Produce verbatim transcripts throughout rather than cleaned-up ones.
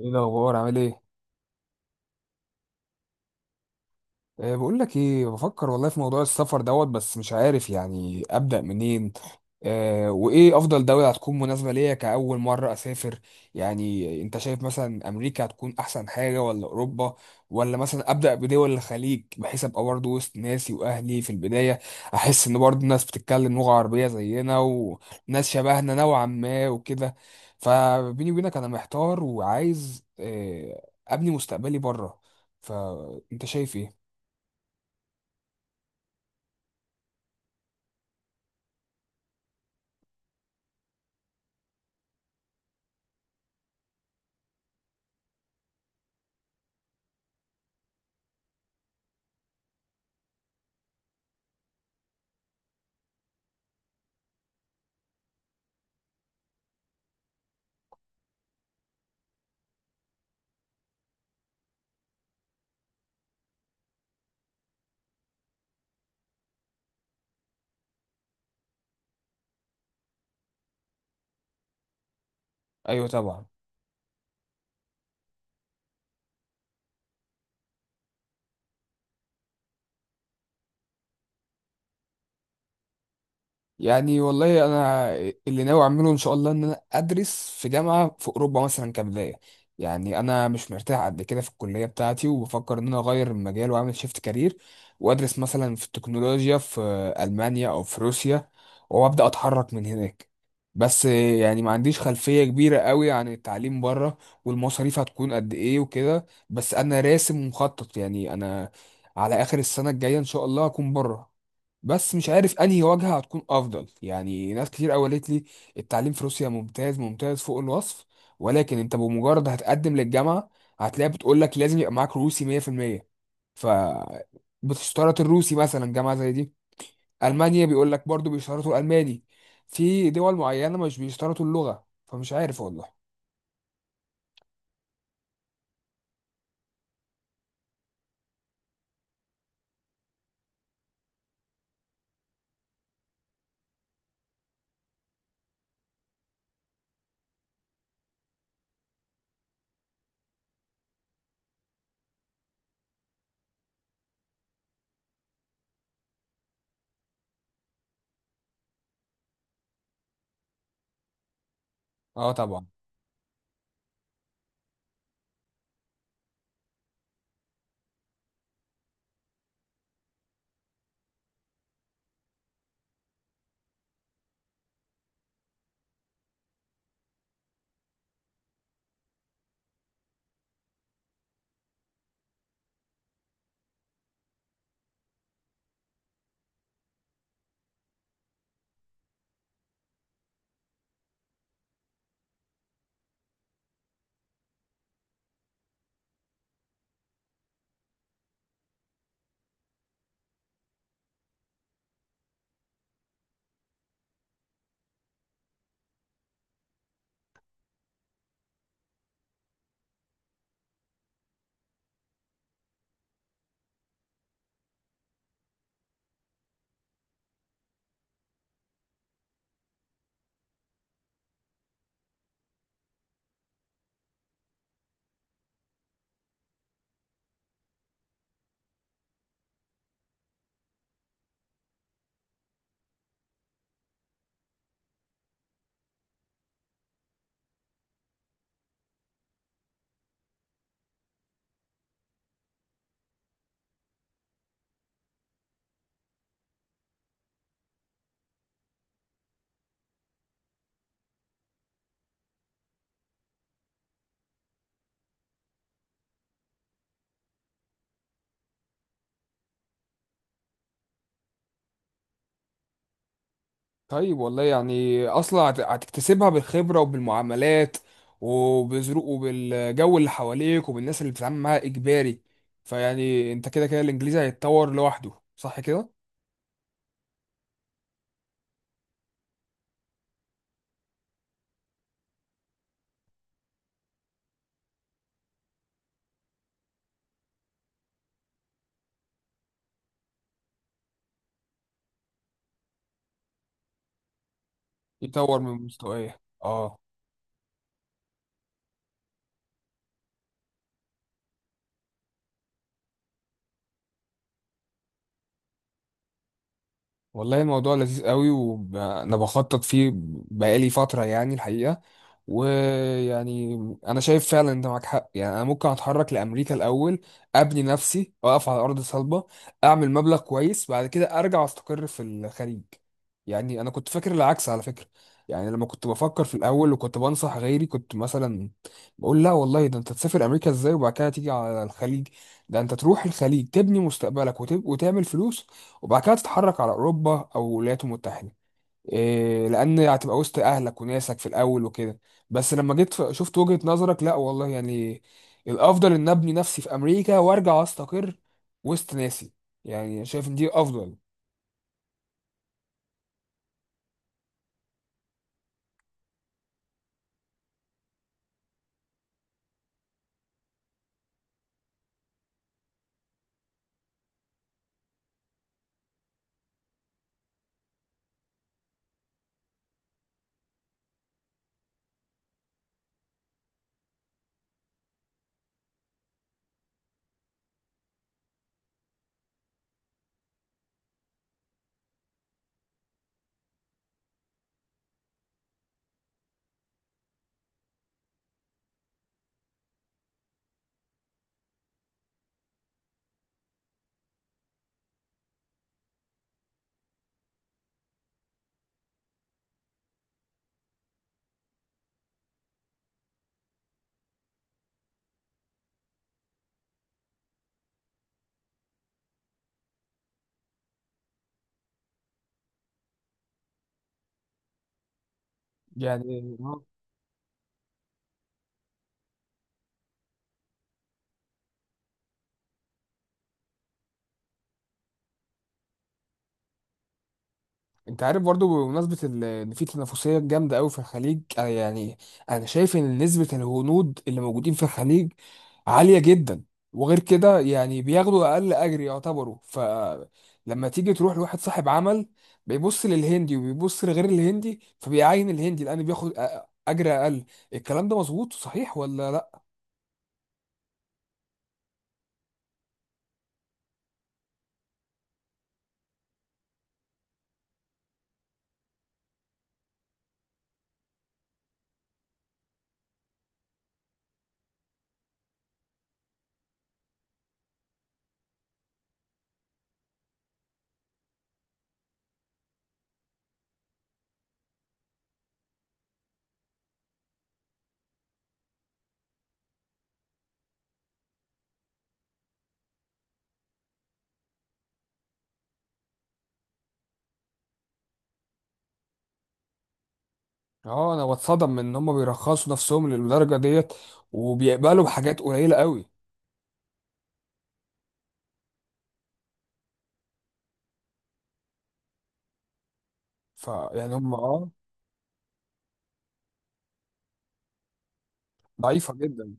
ايه الاخبار عامل ايه؟ أه، بقول لك ايه، بفكر والله في موضوع السفر دوت بس مش عارف يعني ابدا منين. آه، وايه افضل دولة هتكون مناسبة ليا كأول مرة اسافر؟ يعني انت شايف مثلا امريكا هتكون احسن حاجة ولا اوروبا، ولا مثلا ابدأ بدول الخليج بحيث ابقى برضه وسط ناسي واهلي في البداية؟ احس ان برضه الناس بتتكلم لغة عربية زينا وناس شبهنا نوعا ما وكده. فبيني وبينك انا محتار وعايز، آه، ابني مستقبلي بره. فانت شايف ايه؟ ايوه طبعا. يعني والله انا، اللي ناوي اعمله ان شاء الله ان انا ادرس في جامعه في اوروبا مثلا كبدايه. يعني انا مش مرتاح قد كده في الكليه بتاعتي، وبفكر ان انا اغير المجال واعمل شيفت كارير، وادرس مثلا في التكنولوجيا في المانيا او في روسيا، وابدا اتحرك من هناك. بس يعني ما عنديش خلفيه كبيره قوي عن التعليم بره والمصاريف هتكون قد ايه وكده، بس انا راسم ومخطط يعني انا على اخر السنه الجايه ان شاء الله هكون بره. بس مش عارف انهي واجهة هتكون افضل. يعني ناس كتير قوي قالت لي التعليم في روسيا ممتاز ممتاز فوق الوصف، ولكن انت بمجرد هتقدم للجامعة هتلاقي بتقول لك لازم يبقى معاك روسي مية بالمية. ف بتشترط الروسي مثلا جامعة زي دي. المانيا بيقول لك برضو بيشترطوا الالماني. في دول معينة مش بيشترطوا اللغة، فمش عارف والله. اه طبعا. طيب والله يعني اصلا هت- هتكتسبها بالخبره وبالمعاملات وبظروق وبالجو اللي حواليك وبالناس اللي بتتعامل معاها اجباري. فيعني انت كده كده الانجليزي هيتطور لوحده، صح كده؟ يطور من مستواه، اه. والله الموضوع لذيذ قوي وانا بخطط فيه بقالي فترة يعني الحقيقة. ويعني انا شايف فعلا انت معاك حق. يعني انا ممكن اتحرك لامريكا الاول، ابني نفسي، اقف على ارض صلبة، اعمل مبلغ كويس، بعد كده ارجع استقر في الخليج. يعني انا كنت فاكر العكس على فكرة. يعني لما كنت بفكر في الاول وكنت بنصح غيري كنت مثلا بقول لا والله، ده انت تسافر امريكا ازاي وبعد كده تيجي على الخليج؟ ده انت تروح الخليج تبني مستقبلك وتب... وتعمل فلوس، وبعد كده تتحرك على اوروبا او الولايات المتحده. إيه؟ لان هتبقى وسط اهلك وناسك في الاول وكده. بس لما جيت ف- شفت وجهة نظرك، لا والله يعني الافضل ان ابني نفسي في امريكا وارجع استقر وسط ناسي. يعني شايف ان دي افضل. يعني انت عارف برضو بمناسبة ال- ان في تنافسية جامدة قوي في الخليج. انا يعني انا شايف ان نسبة الهنود اللي موجودين في الخليج عالية جدا، وغير كده يعني بياخدوا اقل اجر يعتبروا. فلما تيجي تروح لواحد صاحب عمل، بيبص للهندي وبيبص لغير الهندي فبيعين الهندي لان بياخد أ- اجر اقل. الكلام ده مظبوط صحيح ولا لا؟ اه، انا بتصدم من ان هم بيرخصوا نفسهم للدرجة ديت وبيقبلوا بحاجات قليلة قوي. فيعني هم اه. ضعيفة جدا.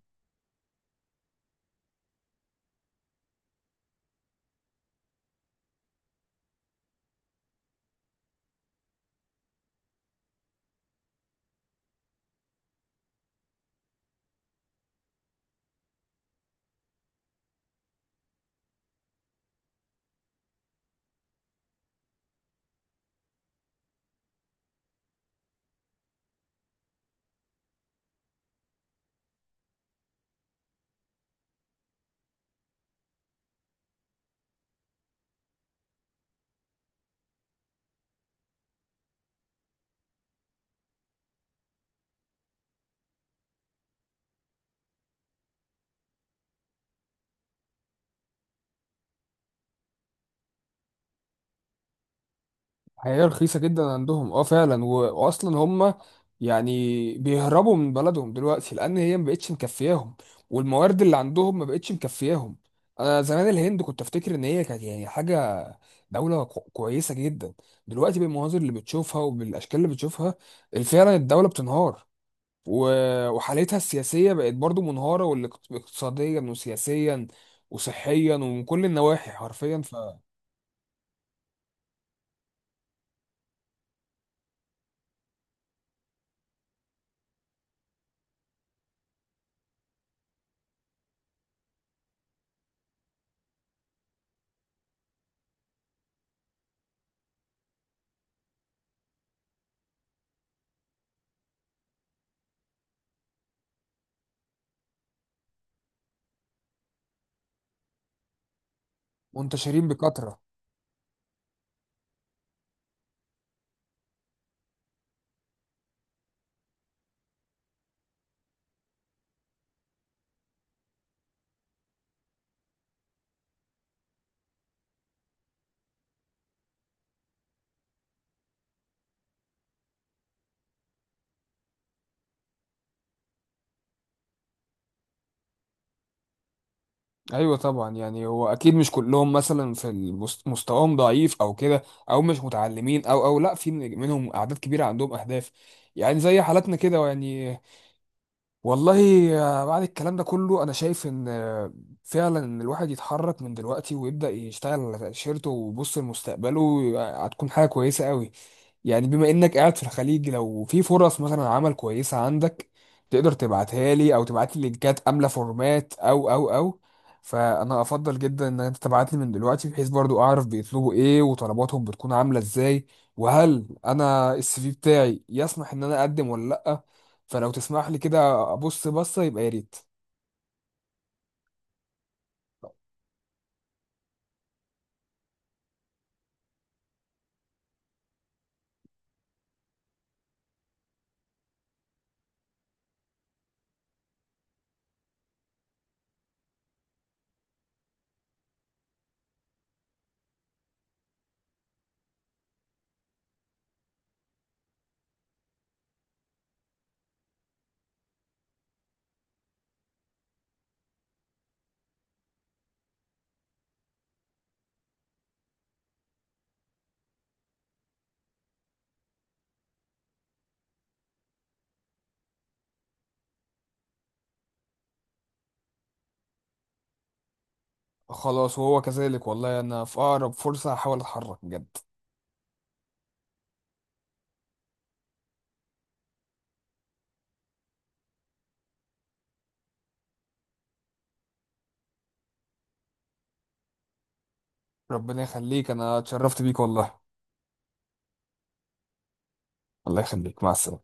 هي رخيصة جدا عندهم اه فعلا، و... واصلا هم يعني بيهربوا من بلدهم دلوقتي لان هي ما بقتش مكفياهم، والموارد اللي عندهم ما بقتش مكفياهم. انا زمان الهند كنت افتكر ان هي كانت يعني حاجة، دولة كو- كويسة جدا. دلوقتي بالمناظر اللي بتشوفها وبالاشكال اللي بتشوفها، فعلا الدولة بتنهار، و... وحالتها السياسية بقت برضو منهارة، والاقتصاديا وسياسيا وصحيا ومن كل النواحي حرفيا. فمنتشرين بكثرة. ايوه طبعا. يعني هو اكيد مش كلهم مثلا في المست- مستواهم ضعيف او كده، او مش متعلمين، او او لا، في منهم اعداد كبيره عندهم اهداف يعني زي حالاتنا كده يعني. والله بعد الكلام ده كله انا شايف ان فعلا إن الواحد يتحرك من دلوقتي ويبدا يشتغل على تاشيرته ويبص لمستقبله هتكون حاجه كويسه قوي. يعني بما انك قاعد في الخليج لو في فرص مثلا عمل كويسة عندك تقدر تبعتها لي، او تبعت لي لينكات كاملة فورمات او او او، فانا افضل جدا ان انت تبعت لي من دلوقتي بحيث برضو اعرف بيطلبوا ايه وطلباتهم بتكون عاملة ازاي، وهل انا السي في بتاعي يسمح ان انا اقدم ولا لا. فلو تسمح لي كده ابص بصة يبقى يا ريت. خلاص وهو كذلك، والله انا في اقرب فرصة هحاول اتحرك بجد. ربنا يخليك، انا اتشرفت بيك والله. الله يخليك، مع السلامة.